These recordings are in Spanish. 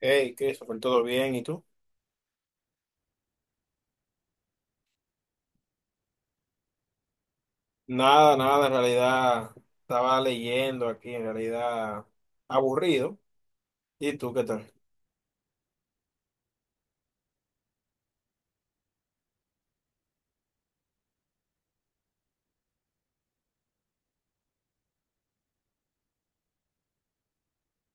Hey, Christopher, ¿todo bien? ¿Y tú? Nada, nada, en realidad estaba leyendo aquí, en realidad aburrido. ¿Y tú qué tal?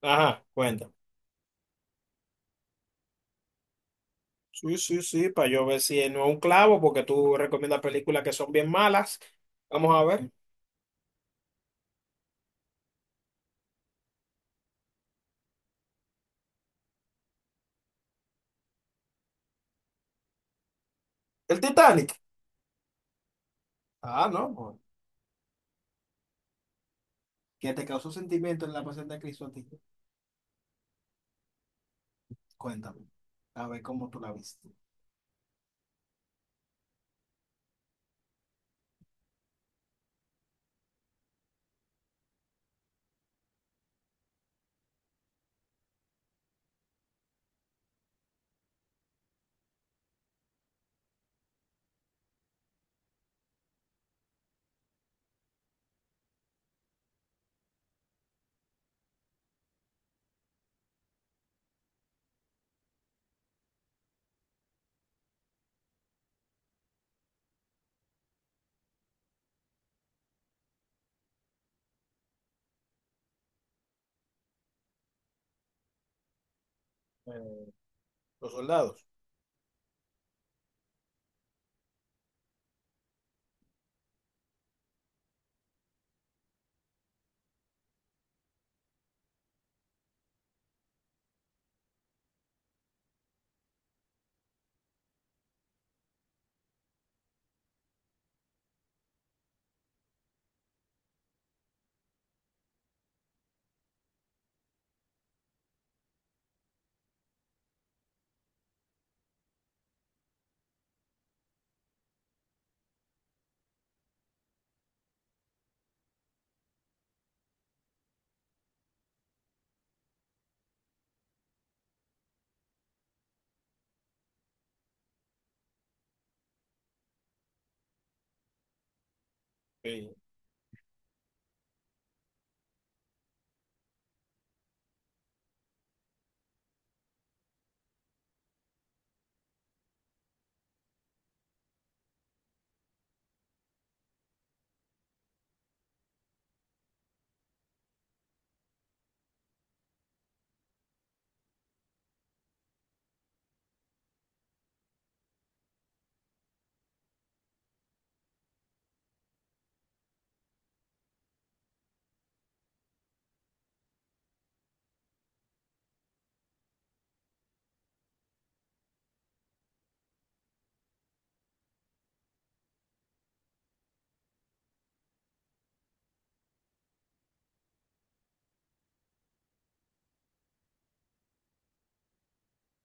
Ajá, cuenta. Sí, sí, sí, para yo ver si no es un clavo, porque tú recomiendas películas que son bien malas. Vamos a ver. El Titanic. Ah, no. Bueno. ¿Qué te causó sentimiento en la pasión de Cristo a ti? Cuéntame, a ver cómo tú la viste. Eh, los soldados. Sí.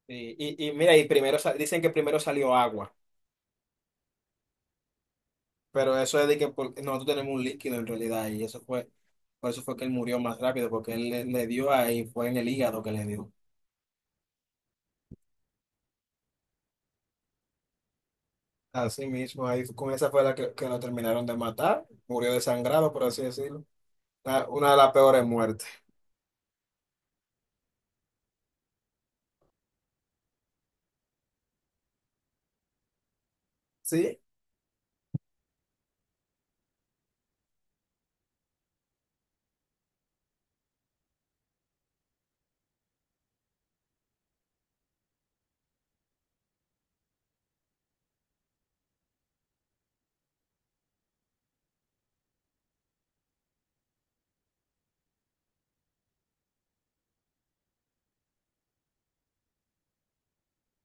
Y, y mira, y primero sa- dicen que primero salió agua. Pero eso es de que por- nosotros tenemos un líquido en realidad y eso fue, por eso fue que él murió más rápido, porque él le, le dio ahí, fue en el hígado que le dio. Así mismo, ahí con esa fue la que lo terminaron de matar, murió desangrado, por así decirlo. La- Una de las peores muertes. Sí,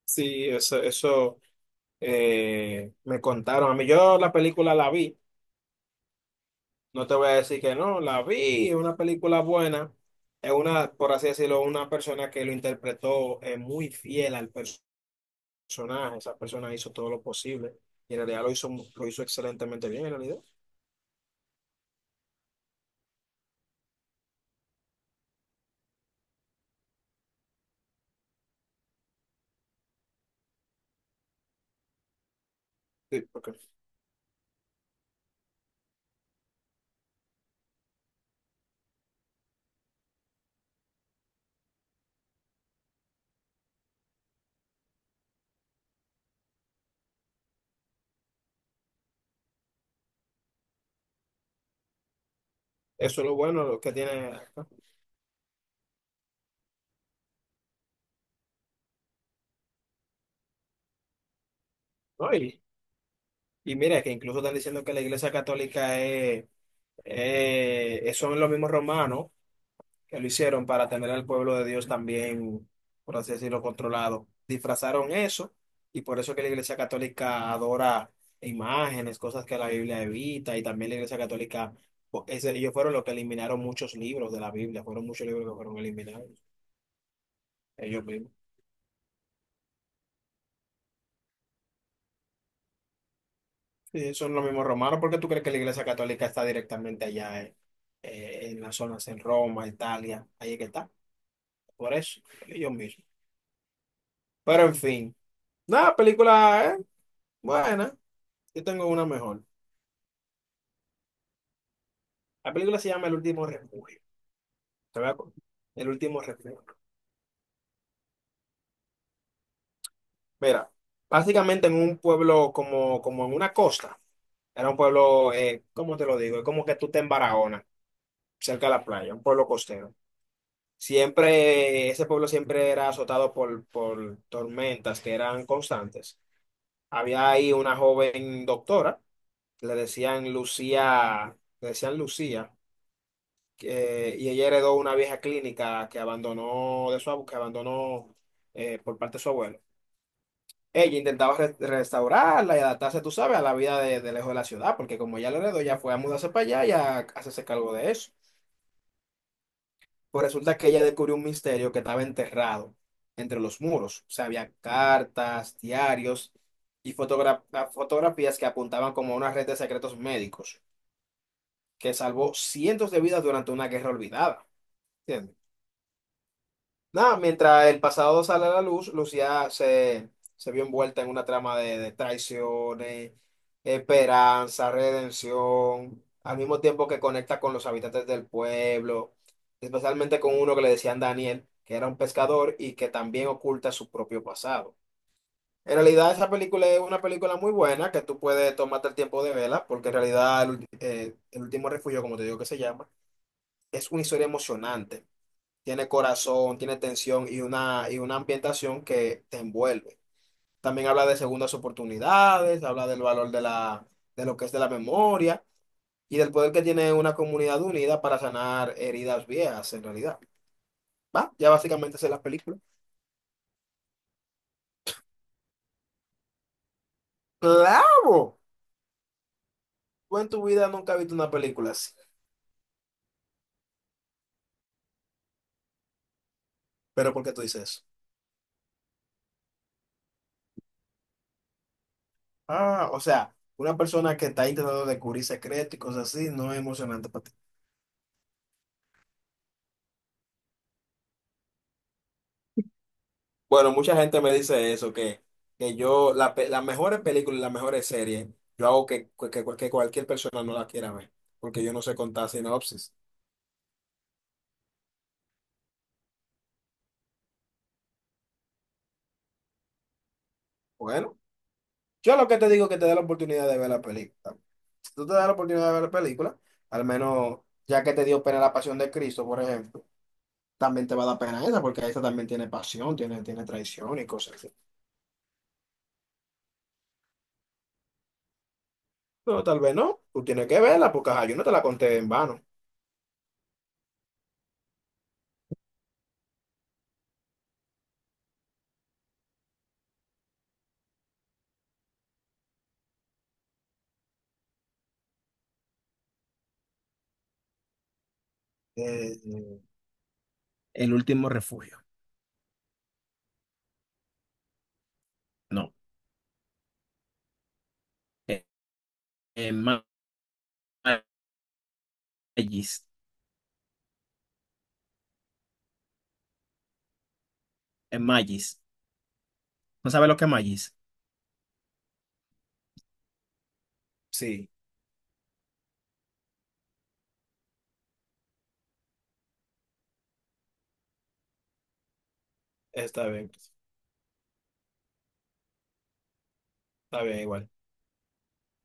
sí, eso me contaron. A mí yo la película la vi, no te voy a decir que no, la vi, es una película buena. Es una, por así decirlo, una persona que lo interpretó muy fiel al personaje personaje, esa persona hizo todo lo posible y en realidad lo hizo excelentemente bien en realidad. Sí, porque eso es lo bueno, lo que tiene. ¿No? Y mira, que incluso están diciendo que la Iglesia Católica es- son los mismos romanos. Que lo hicieron para tener al pueblo de Dios también, por así decirlo, controlado. Disfrazaron eso y por eso que la Iglesia Católica adora imágenes, cosas que la Biblia evita y también la Iglesia Católica, po- ese- ellos fueron los que eliminaron muchos libros de la Biblia, fueron muchos libros que fueron eliminados, ellos mismos. Sí, son los mismos romanos, ¿por qué tú crees que la Iglesia Católica está directamente allá en las zonas en Roma, Italia? Ahí es que está, por eso, ellos mismos. Pero en fin, nada, película, buena. Yo tengo una mejor. La película se llama El último refugio. Te voy a co- El último refugio. Mira, básicamente en un pueblo como, como en una costa. Era un pueblo, ¿cómo te lo digo? Es como que tú te en Barahona, cerca de la playa, un pueblo costero. Siempre, ese pueblo siempre era azotado por tormentas que eran constantes. Había ahí una joven doctora, le decían Lucía, que- y ella heredó una vieja clínica que abandonó de su abu- que abandonó por parte de su abuelo. Ella intentaba re- restaurarla y adaptarse, tú sabes, a la vida de lejos de la ciudad, porque como ella lo heredó, ya fue a mudarse para allá y a hacerse cargo de eso. Pues resulta que ella descubrió un misterio que estaba enterrado entre los muros. O sea, había cartas, diarios y fotogra- fotografías que apuntaban como a una red de secretos médicos que salvó cientos de vidas durante una guerra olvidada. ¿Entiendes? Nada, mientras el pasado sale a la luz, Lucía se, se vio envuelta en una trama de traiciones, esperanza, redención, al mismo tiempo que conecta con los habitantes del pueblo, especialmente con uno que le decían Daniel, que era un pescador y que también oculta su propio pasado. En realidad, esa película es una película muy buena que tú puedes tomarte el tiempo de verla, porque en realidad el, ulti- El último refugio, como te digo que se llama, es una historia emocionante, tiene corazón, tiene tensión y una ambientación que te envuelve. También habla de segundas oportunidades, habla del valor de la, de lo que es de la memoria y del poder que tiene una comunidad unida para sanar heridas viejas en realidad. ¿Va? Ya básicamente esa es la película. ¡Claro! Tú en tu vida nunca has visto una película así. ¿Pero por qué tú dices eso? Ah, o sea, una persona que está intentando descubrir secretos y cosas así no es emocionante para ti. Bueno, mucha gente me dice eso, que yo, la pe- las mejores películas y las mejores series, yo hago que, que cualquier persona no la quiera ver, porque yo no sé contar sinopsis. Bueno, yo lo que te digo es que te dé la oportunidad de ver la película. Si tú te das la oportunidad de ver la película, al menos ya que te dio pena la pasión de Cristo, por ejemplo, también te va a dar pena esa, porque esa también tiene pasión, tiene, tiene traición y cosas así. No, tal vez no, tú tienes que verla, porque ajá, yo no te la conté en vano. Eh, El último refugio. No. Eh, más. Magis. Magis. ¿No sabe lo que es Magis? Sí, está bien. Está bien igual.